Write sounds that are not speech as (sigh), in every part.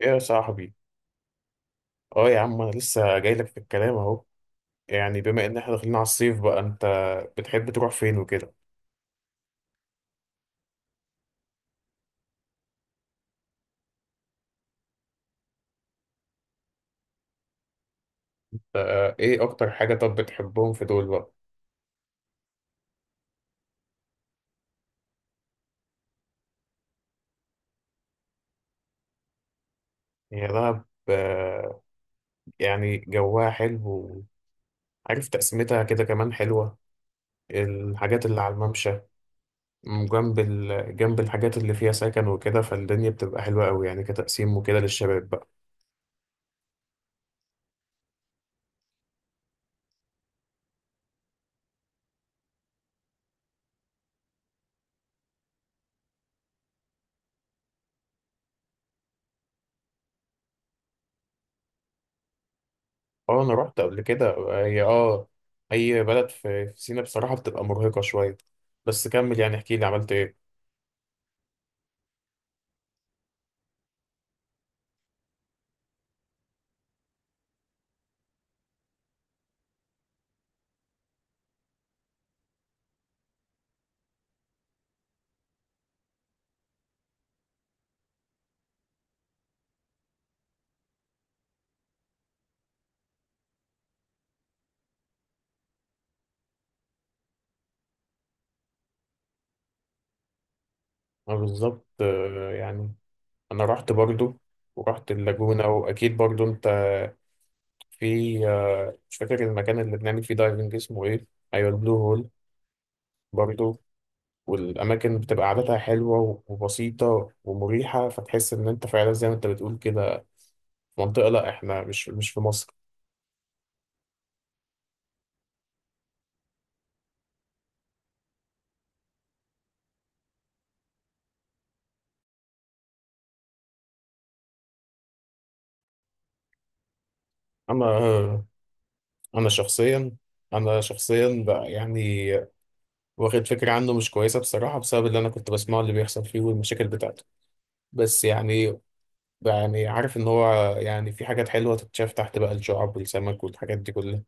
ايه يا صاحبي. اه يا عم، انا لسه جاي لك في الكلام اهو. يعني بما ان احنا داخلين على الصيف بقى، انت بتحب تروح فين وكده؟ ايه اكتر حاجة طب بتحبهم في دول بقى؟ هي دهب، يعني جواها حلو، وعارف تقسيمتها كده كمان حلوة. الحاجات اللي على الممشى، جنب الحاجات اللي فيها سكن وكده، فالدنيا بتبقى حلوة قوي يعني كتقسيم وكده للشباب بقى. اه انا رحت قبل كده. هي اه، اي بلد في سينا بصراحه بتبقى مرهقه شويه. بس كمل يعني، احكي لي عملت ايه. انا بالظبط، يعني انا رحت برضو، ورحت اللاجونه، واكيد برضو انت في، مش فاكر المكان اللي بنعمل فيه دايفنج اسمه ايه. ايوه، البلو هول. برضو، والاماكن بتبقى قعدتها حلوه وبسيطه ومريحه، فتحس ان انت فعلا زي ما انت بتقول كده، في منطقه، لا احنا مش في مصر. انا انا شخصيا، بقى يعني واخد فكرة عنه مش كويسة بصراحة، بسبب اللي أنا كنت بسمعه اللي بيحصل فيه والمشاكل بتاعته. بس يعني، يعني عارف إن هو يعني في حاجات حلوة تتشاف تحت بقى، الشعب والسمك والحاجات دي كلها.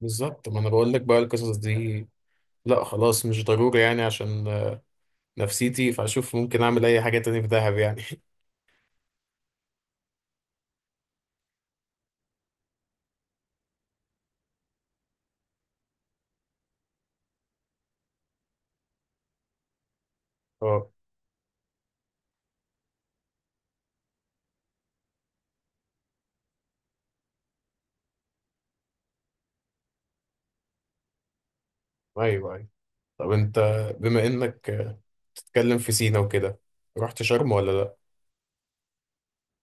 بالظبط، ما أنا بقول لك بقى القصص دي. لا خلاص، مش ضروري يعني، عشان نفسيتي، فأشوف ممكن أعمل أي حاجة تاني في دهب يعني (laughs) أه، أيوه أيوه. طب أنت، بما إنك تتكلم في سينا وكده، رحت شرم ولا لأ؟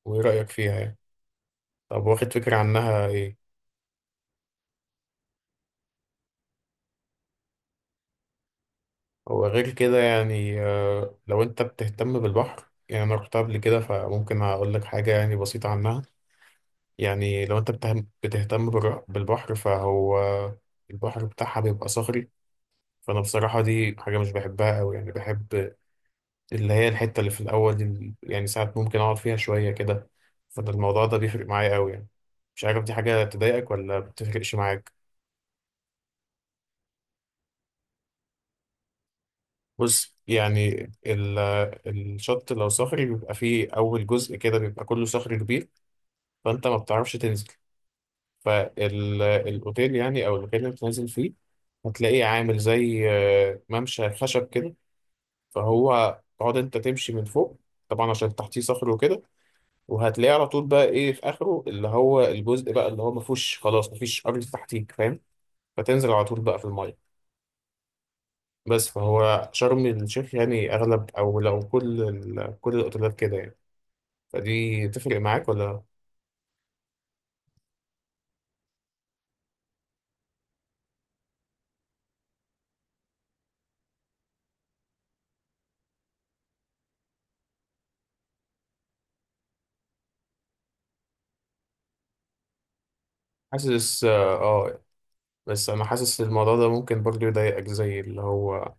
وإيه رأيك فيها يعني؟ طب واخد فكرة عنها إيه؟ وغير كده يعني، لو انت بتهتم بالبحر يعني، انا رحت قبل كده فممكن اقول لك حاجة يعني بسيطة عنها. يعني لو انت بتهتم بالبحر، فهو البحر بتاعها بيبقى صخري. فانا بصراحة دي حاجة مش بحبها قوي، يعني بحب اللي هي الحتة اللي في الاول، يعني ساعات ممكن اقعد فيها شوية كده. فده الموضوع ده بيفرق معايا قوي يعني. مش عارف دي حاجة تضايقك ولا بتفرقش معاك. بص يعني، الشط لو صخري بيبقى فيه أول جزء كده بيبقى كله صخر كبير، فانت ما بتعرفش تنزل. فالاوتيل يعني، او المكان اللي بتنزل فيه، هتلاقيه عامل زي ممشى خشب كده، فهو تقعد انت تمشي من فوق، طبعا عشان تحتيه صخر وكده. وهتلاقيه على طول بقى ايه، في اخره اللي هو الجزء بقى اللي هو ما فيهوش خلاص، ما فيش ارض تحتيك فاهم، فتنزل على طول بقى في الميه. بس فهو شرم الشيخ يعني اغلب، او لو كل الاوتيلات كده يعني. فدي تفرق معاك ولا؟ حاسس اه، بس انا حاسس ان الموضوع ده ممكن برضه يضايقك، زي اللي هو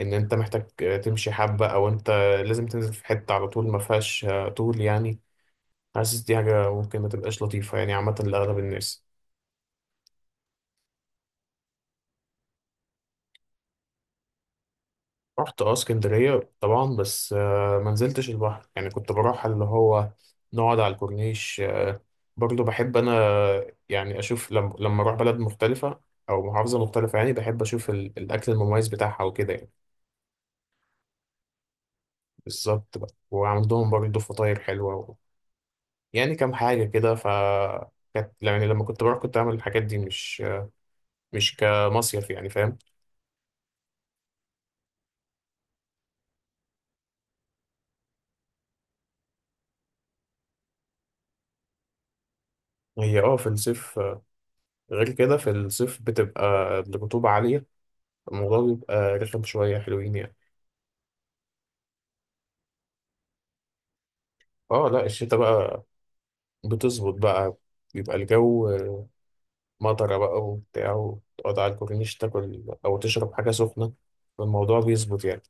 ان انت محتاج تمشي حبة، او انت لازم تنزل في حتة على طول ما فيهاش طول يعني. حاسس دي حاجة ممكن ما تبقاش لطيفة يعني عامة لأغلب الناس. رحت اه اسكندرية طبعا، بس ما نزلتش البحر يعني، كنت بروح اللي هو نقعد على الكورنيش. برضه بحب انا يعني اشوف لما اروح بلد مختلفة، او محافظة مختلفة يعني، بحب اشوف الاكل المميز بتاعها وكده يعني. بالظبط بقى، وعندهم برضه فطاير حلوة، يعني كام حاجة كده. ف كانت يعني لما كنت بروح، كنت أعمل الحاجات دي مش كمصيف يعني، فاهم. هي اه في الصيف، غير كده في الصيف بتبقى الرطوبة عالية، الموضوع بيبقى رخم شوية حلوين يعني. اه لا، الشتا بقى بتظبط بقى. بيبقى الجو مطرة بقى وبتاع، وتقعد على الكورنيش تاكل أو تشرب حاجة سخنة، فالموضوع بيظبط يعني.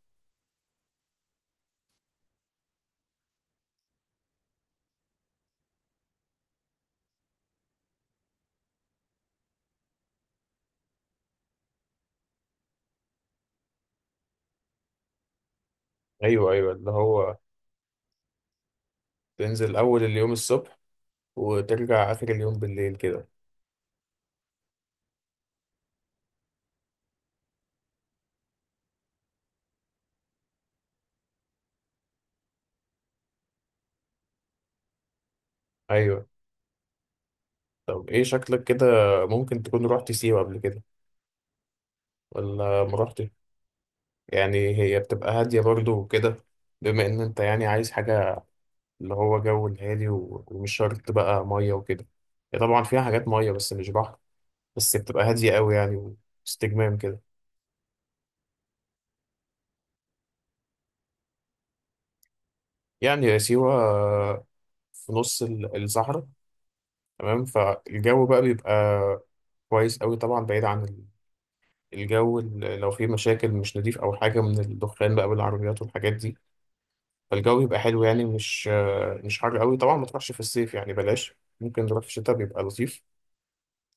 أيوه أيوه، اللي هو تنزل أول اليوم الصبح، وترجع آخر اليوم بالليل كده. أيوه. طب ايه شكلك كده، ممكن تكون رحت سيوة قبل كده، ولا ما رحت؟ يعني هي بتبقى هادية برضو وكده، بما ان انت يعني عايز حاجة اللي هو جو الهادي، ومش شرط بقى مية وكده. هي طبعا فيها حاجات مية، بس مش بحر. بس بتبقى هادية قوي يعني، واستجمام كده. يعني يا سيوة في نص الصحراء تمام. فالجو بقى بيبقى كويس قوي، طبعا بعيد عن الجو لو فيه مشاكل مش نضيف او حاجة، من الدخان بقى بالعربيات والحاجات دي. فالجو يبقى حلو يعني، مش حر قوي. طبعا ما تروحش في الصيف يعني بلاش، ممكن نروح في الشتاء بيبقى لطيف.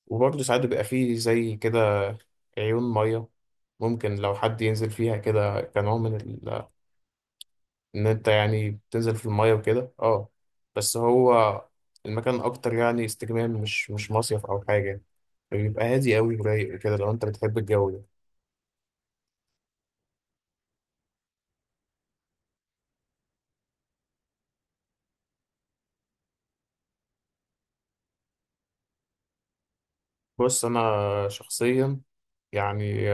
وبرضه ساعات بيبقى فيه زي كده عيون مية، ممكن لو حد ينزل فيها كده كنوع من ان انت يعني بتنزل في المية وكده، اه. بس هو المكان اكتر يعني استجمام، مش مصيف او حاجة. بيبقى هادي قوي ورايق وكده، لو انت بتحب الجو ده. بص انا شخصيا يعني،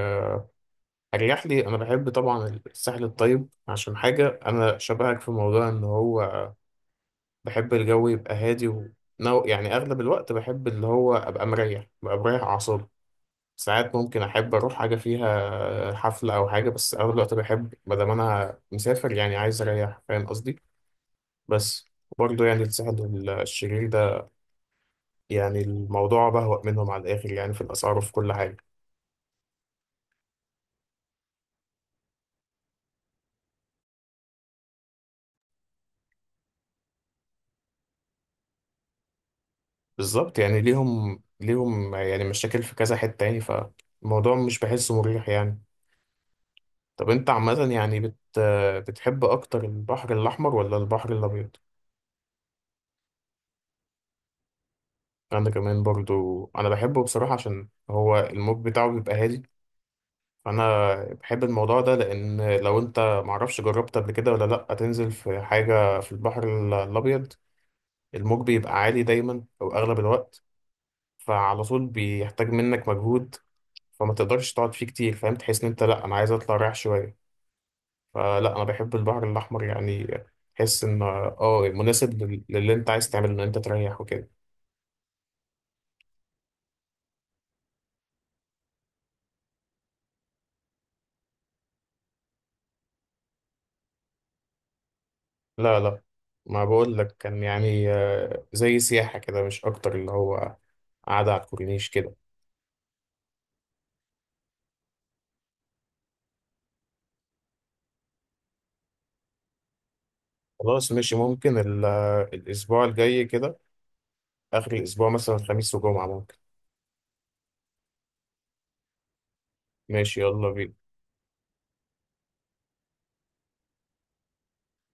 اريح لي انا بحب طبعا الساحل الطيب، عشان حاجه انا شبهك في موضوع ان هو بحب الجو يبقى هادي و... يعني اغلب الوقت بحب اللي هو ابقى مريح، اعصابي. ساعات ممكن احب اروح حاجه فيها حفله او حاجه، بس اغلب الوقت بحب ما دام انا مسافر يعني عايز اريح، فاهم قصدي. بس برضه يعني الساحل الشرير ده يعني الموضوع بهوأ منهم على الاخر يعني، في الاسعار وفي كل حاجه. بالظبط، يعني ليهم يعني مشاكل في كذا حتة يعني، فالموضوع مش بحسه مريح يعني. طب انت عامة يعني بتحب اكتر البحر الاحمر ولا البحر الابيض؟ انا كمان برضو، انا بحبه بصراحة عشان هو الموج بتاعه بيبقى هادي. فانا بحب الموضوع ده، لان لو انت، معرفش جربت قبل كده ولا لا، تنزل في حاجة في البحر الابيض، الموج بيبقى عالي دايما او اغلب الوقت، فعلى طول بيحتاج منك مجهود، فما تقدرش تقعد فيه كتير، فاهم، تحس ان انت لا، انا عايز اطلع رايح شويه. فلا، انا بحب البحر الاحمر يعني، تحس ان اه مناسب للي انت عايز تعمله، ان انت تريح وكده. لا لا، ما بقول لك كان يعني زي سياحه كده مش اكتر، اللي هو قاعده على الكورنيش كده. خلاص ماشي، ممكن الاسبوع الجاي كده، اخر الاسبوع مثلا خميس وجمعه ممكن. ماشي يلا بينا.